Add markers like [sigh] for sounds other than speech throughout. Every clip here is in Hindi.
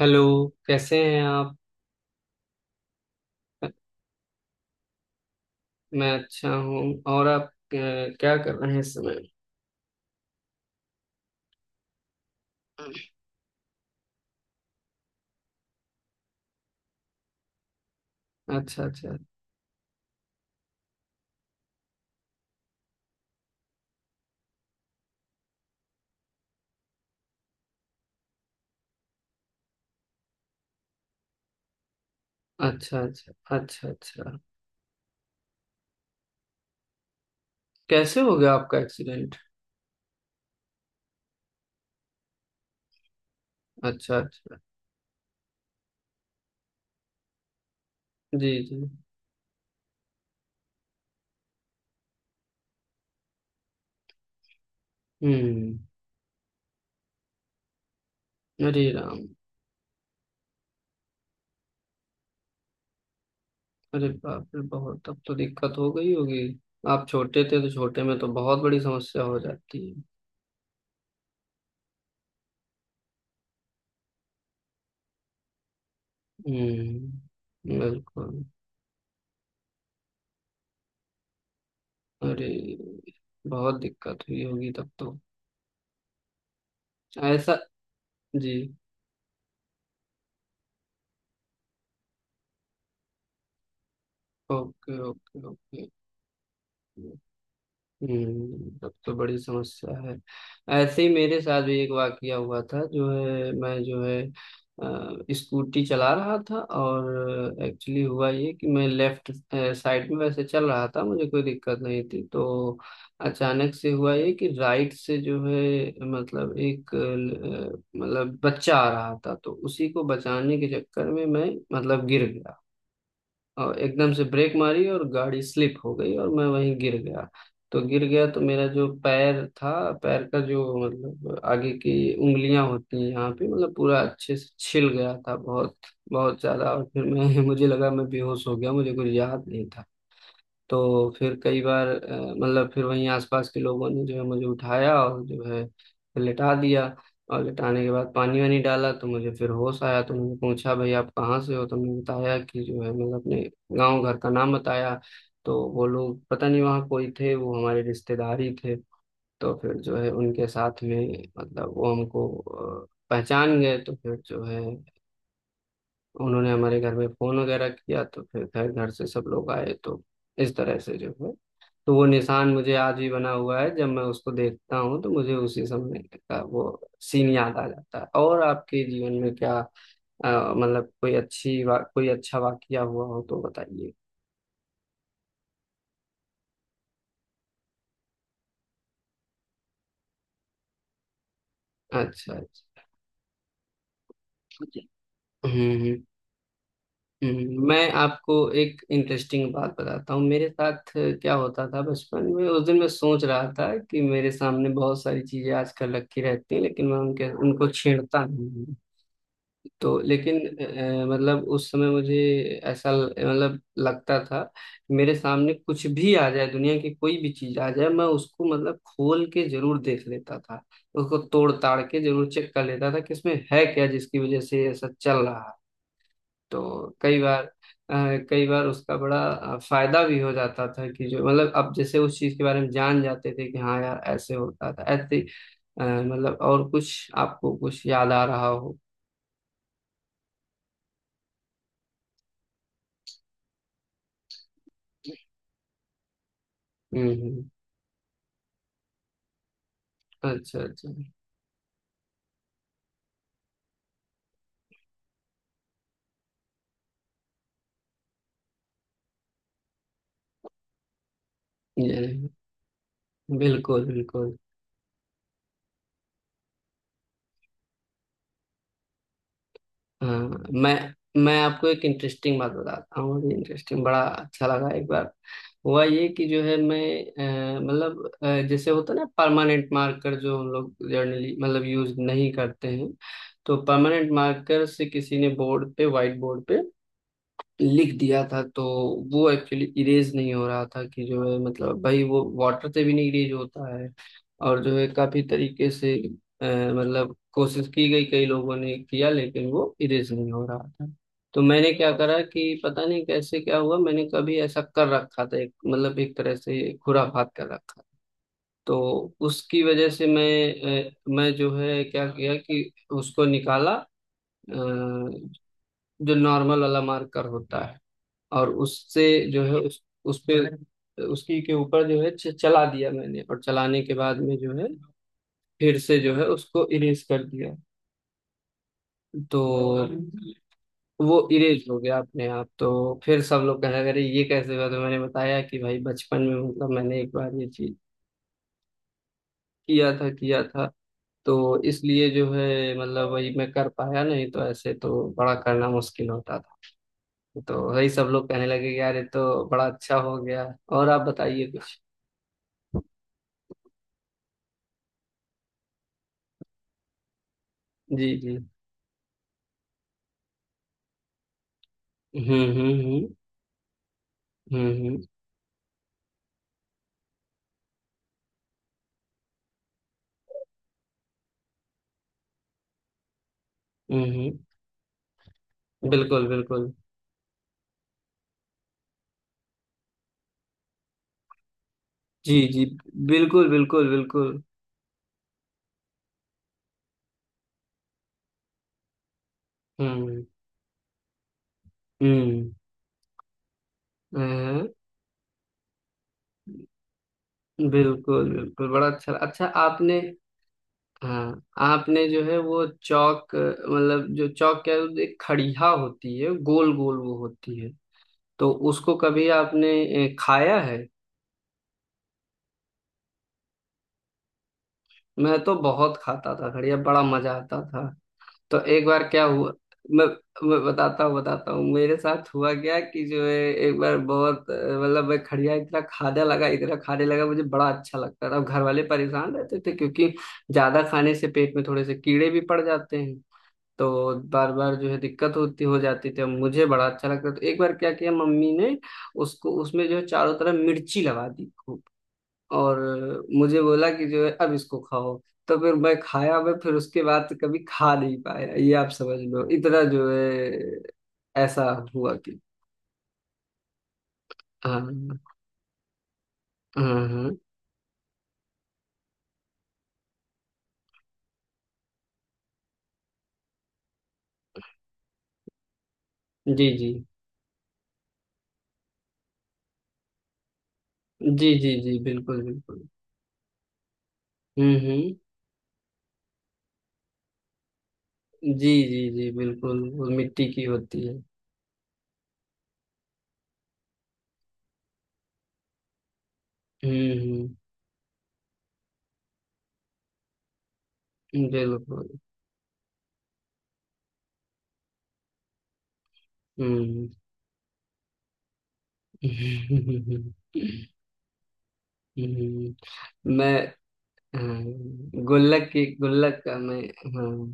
हेलो। कैसे हैं आप? मैं अच्छा हूँ। और आप क्या कर रहे हैं इस समय? अच्छा अच्छा। अच्छा अच्छा। अच्छा अच्छा। कैसे हो गया आपका एक्सीडेंट? अच्छा अच्छा। जी जी। हम्म। अरे राम। अरे बाप रे, बहुत तब तो दिक्कत हो गई होगी। आप छोटे थे तो छोटे में तो बहुत बड़ी समस्या हो जाती है। हम्म, बिल्कुल। अरे बहुत दिक्कत हुई होगी तब तो। ऐसा। जी। Okay okay okay. तब तो बड़ी समस्या है। ऐसे ही मेरे साथ भी एक वाकया हुआ था। जो है मैं जो है स्कूटी चला रहा था। और एक्चुअली हुआ ये कि मैं लेफ्ट साइड में वैसे चल रहा था, मुझे कोई दिक्कत नहीं थी। तो अचानक से हुआ ये कि राइट से जो है, मतलब एक मतलब बच्चा आ रहा था, तो उसी को बचाने के चक्कर में मैं मतलब गिर गया। और एकदम से ब्रेक मारी और गाड़ी स्लिप हो गई और मैं वहीं गिर गया। तो गिर गया तो मेरा जो पैर था, पैर का जो मतलब आगे की उंगलियां होती हैं यहाँ पे, मतलब पूरा अच्छे से छिल गया था। बहुत बहुत ज्यादा। और फिर मैं [laughs] मुझे लगा मैं बेहोश हो गया, मुझे कुछ याद नहीं था। तो फिर कई बार मतलब फिर वहीं आसपास के लोगों ने जो है मुझे उठाया और जो है फिर लिटा दिया। और लिटाने के बाद पानी वानी डाला तो मुझे फिर होश आया। तो मैंने पूछा भाई आप कहाँ से हो, तो मैंने बताया कि जो है मतलब अपने गांव घर का नाम बताया। तो वो लोग पता नहीं वहाँ कोई थे, वो हमारे रिश्तेदार ही थे। तो फिर जो है उनके साथ में मतलब वो हमको पहचान गए। तो फिर जो है उन्होंने हमारे घर में फोन वगैरह किया, तो फिर घर घर से सब लोग आए। तो इस तरह से जो है। तो वो निशान मुझे आज भी बना हुआ है, जब मैं उसको देखता हूँ तो मुझे उसी समय का वो सीन याद आ जाता है। और आपके जीवन में क्या मतलब कोई कोई अच्छा वाकया हुआ हो तो बताइए। अच्छा अच्छा। हम्म। हम्म। मैं आपको एक इंटरेस्टिंग बात बताता हूँ, मेरे साथ क्या होता था बचपन में। उस दिन मैं सोच रहा था कि मेरे सामने बहुत सारी चीजें आजकल रखी रहती हैं, लेकिन मैं उनके उनको छेड़ता नहीं हूँ। तो लेकिन मतलब उस समय मुझे ऐसा मतलब लगता था, मेरे सामने कुछ भी आ जाए, दुनिया की कोई भी चीज आ जाए, मैं उसको मतलब खोल के जरूर देख लेता था। उसको तोड़ ताड़ के जरूर चेक कर लेता था कि इसमें है क्या जिसकी वजह से ये ऐसा चल रहा है। तो कई बार कई बार उसका बड़ा फायदा भी हो जाता था कि जो मतलब अब जैसे उस चीज के बारे में जान जाते थे कि हाँ यार ऐसे होता था ऐसे। मतलब और कुछ आपको कुछ याद आ रहा हो? हम्म हम्म। अच्छा अच्छा। ये बिल्कुल बिल्कुल। हाँ। मैं मैं आपको एक इंटरेस्टिंग बात बताता हूँ, मुझे इंटरेस्टिंग बड़ा अच्छा लगा एक बार। हुआ ये कि जो है मैं मतलब जैसे होता है ना परमानेंट मार्कर, जो हम लोग जर्नली मतलब यूज नहीं करते हैं। तो परमानेंट मार्कर से किसी ने बोर्ड पे, व्हाइट बोर्ड पे लिख दिया था। तो वो एक्चुअली इरेज नहीं हो रहा था कि जो है मतलब भाई वो वाटर से भी नहीं इरेज होता है। और जो है काफी तरीके से मतलब कोशिश की गई, कई लोगों ने किया, लेकिन वो इरेज नहीं हो रहा था। तो मैंने क्या करा कि पता नहीं कैसे क्या हुआ, मैंने कभी ऐसा कर रखा था, एक मतलब एक तरह से खुराफात कर रखा था। तो उसकी वजह से मैं, मैं जो है क्या किया कि उसको निकाला, जो नॉर्मल वाला मार्कर होता है, और उससे जो है उस पे उसकी के ऊपर जो है चला दिया मैंने। और चलाने के बाद में जो है फिर से जो है उसको इरेज कर दिया। तो वो इरेज हो गया अपने आप। तो फिर सब लोग कहने लगे अरे ये कैसे हुआ, तो मैंने बताया कि भाई बचपन में मतलब मैंने एक बार ये चीज किया था। तो इसलिए जो है मतलब वही मैं कर पाया, नहीं तो ऐसे तो बड़ा करना मुश्किल होता था। तो वही सब लोग कहने लगे कि यार ये तो बड़ा अच्छा हो गया। और आप बताइए कुछ। जी जी। हम्म हम्म हम्म हम्म। हम्म हम्म, हम्म, बिल्कुल बिल्कुल। जी जी। बिल्कुल बिल्कुल बिल्कुल। हम्म हम्म। हाँ, बिल्कुल बिल्कुल। बड़ा अच्छा, अच्छा आपने। हाँ। आपने जो है वो चौक मतलब जो चौक क्या है, वो एक खड़िया होती है, गोल गोल वो होती है। तो उसको कभी आपने खाया है? मैं तो बहुत खाता था खड़िया, बड़ा मजा आता था। तो एक बार क्या हुआ, मैं मैं बताता हूँ मेरे साथ हुआ क्या कि जो है एक बार बहुत मतलब मैं खड़िया इतना खाने लगा इतना खाने लगा, मुझे बड़ा अच्छा लगता था। अब घर वाले परेशान रहते थे क्योंकि ज्यादा खाने से पेट में थोड़े से कीड़े भी पड़ जाते हैं। तो बार बार जो है दिक्कत होती हो जाती थी। अब मुझे बड़ा अच्छा लगता, तो एक बार क्या किया मम्मी ने, उसको उसमें जो है चारों तरफ मिर्ची लगा दी। और मुझे बोला कि जो है अब इसको खाओ। तो फिर मैं खाया, मैं फिर उसके बाद कभी खा नहीं पाया, ये आप समझ लो इतना जो है ऐसा हुआ कि। हाँ। हाँ। हाँ। जी जी। जी जी जी, बिल्कुल बिल्कुल। हम्म। जी जी जी, बिल्कुल, वो मिट्टी की होती है। हम्म हम्म। बिल्कुल। हम्म हम्म। [laughs] हम्म, मैं, हाँ, गुल्लक की, गुल्लक का मैं, हाँ,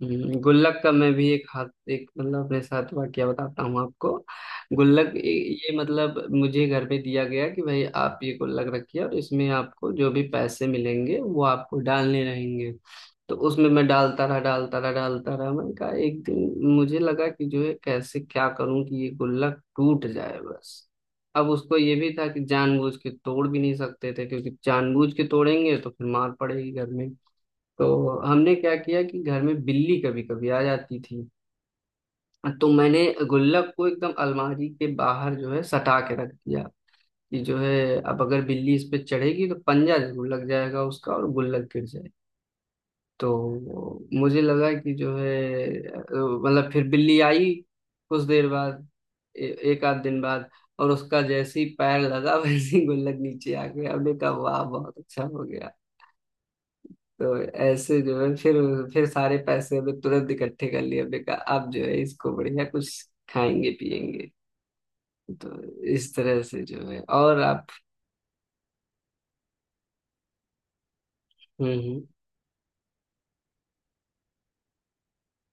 गुल्लक का मैं भी एक हाथ, एक मतलब अपने साथ वाकया बताता हूँ आपको। गुल्लक ये मतलब मुझे घर पे दिया गया कि भाई आप ये गुल्लक रखिए और इसमें आपको जो भी पैसे मिलेंगे वो आपको डालने रहेंगे। तो उसमें मैं डालता रहा मैंने कहा एक दिन मुझे लगा कि जो है कैसे क्या करूं कि ये गुल्लक टूट जाए बस। अब उसको ये भी था कि जानबूझ के तोड़ भी नहीं सकते थे क्योंकि जानबूझ के तोड़ेंगे तो फिर मार पड़ेगी घर में। तो हमने क्या किया कि घर में बिल्ली कभी कभी आ जाती थी। तो मैंने गुल्लक को एकदम अलमारी के बाहर जो है सटा के रख दिया कि जो है अब अगर बिल्ली इस पे चढ़ेगी तो पंजा जरूर लग जाएगा उसका और गुल्लक गिर जाए। तो मुझे लगा कि जो है मतलब फिर बिल्ली आई कुछ देर बाद, ए, एक आध दिन बाद। और उसका जैसे ही पैर लगा [laughs] वैसे ही गुल्लक नीचे आ गया। हमने कहा वाह बहुत अच्छा हो गया। तो ऐसे जो है फिर सारे पैसे हमें तुरंत इकट्ठे कर लिए, हमने कहा अब जो है इसको बढ़िया कुछ खाएंगे पिएंगे। तो इस तरह से जो है। और आप? हम्म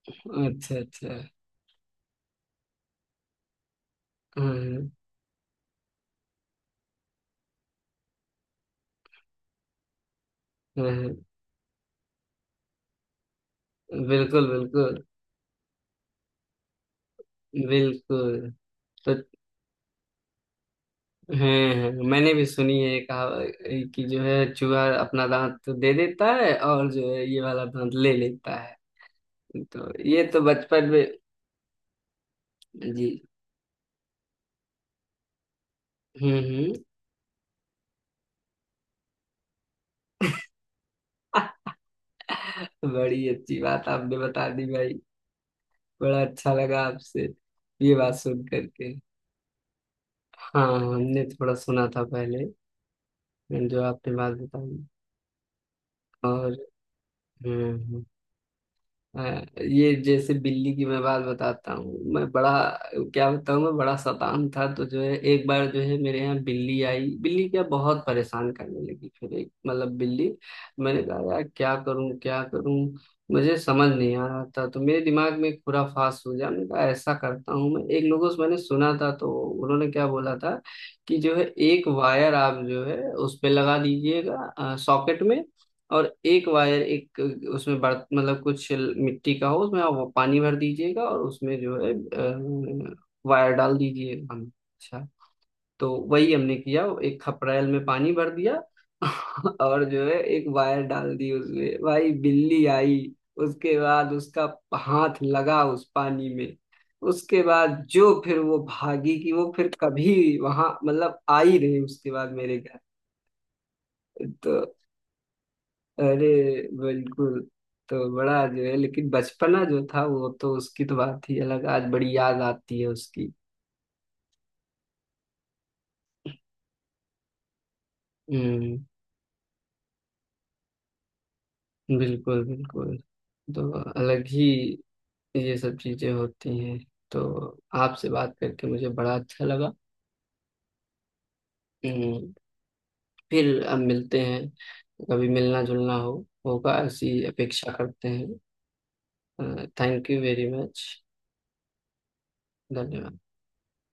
अच्छा अच्छा। हम्म हम्म हम्म, बिल्कुल बिल्कुल बिल्कुल। तो मैंने भी सुनी है, कहा कि जो है चूहा अपना दांत दे देता है और जो है ये वाला दांत ले लेता है। तो ये तो बचपन में। जी। हम्म। बड़ी अच्छी बात आपने बता दी भाई, बड़ा अच्छा लगा आपसे ये बात सुन करके। हाँ हमने थोड़ा सुना था पहले, जो आपने बात बताई। और हम्म। अ, ये जैसे बिल्ली की मैं बात बताता हूँ। मैं बड़ा, क्या बताऊँ, मैं बड़ा शैतान था। तो जो है एक बार जो है मेरे यहाँ बिल्ली आई, बिल्ली क्या बहुत परेशान करने लगी, फिर एक मतलब बिल्ली। मैंने कहा यार क्या करूँ क्या करूँ, मुझे समझ नहीं आ रहा था। तो मेरे दिमाग में एक खुराफास हो गया, मैंने कहा ऐसा करता हूँ, मैं एक लोगों से मैंने सुना था तो उन्होंने क्या बोला था कि जो है एक वायर आप जो है उस पे लगा दीजिएगा सॉकेट में। और एक वायर एक उसमें बर्त मतलब कुछ मिट्टी का हो उसमें आप वो पानी भर दीजिएगा, और उसमें जो है वायर डाल दीजिएगा। हम अच्छा। तो वही हमने किया, एक खपरेल में पानी भर दिया [laughs] और जो है एक वायर डाल दी उसमें। भाई बिल्ली आई, उसके बाद उसका हाथ लगा उस पानी में, उसके बाद जो फिर वो भागी कि वो फिर कभी वहां मतलब आई रही उसके बाद मेरे घर। तो अरे बिल्कुल। तो बड़ा जो है, लेकिन बचपना जो था वो तो, उसकी तो बात ही अलग, आज बड़ी याद आती है उसकी। हम्म, बिल्कुल बिल्कुल। तो अलग ही ये सब चीजें होती हैं। तो आपसे बात करके मुझे बड़ा अच्छा लगा। हम्म। फिर अब मिलते हैं, कभी मिलना जुलना हो होगा ऐसी अपेक्षा करते हैं। Thank you very much. धन्यवाद।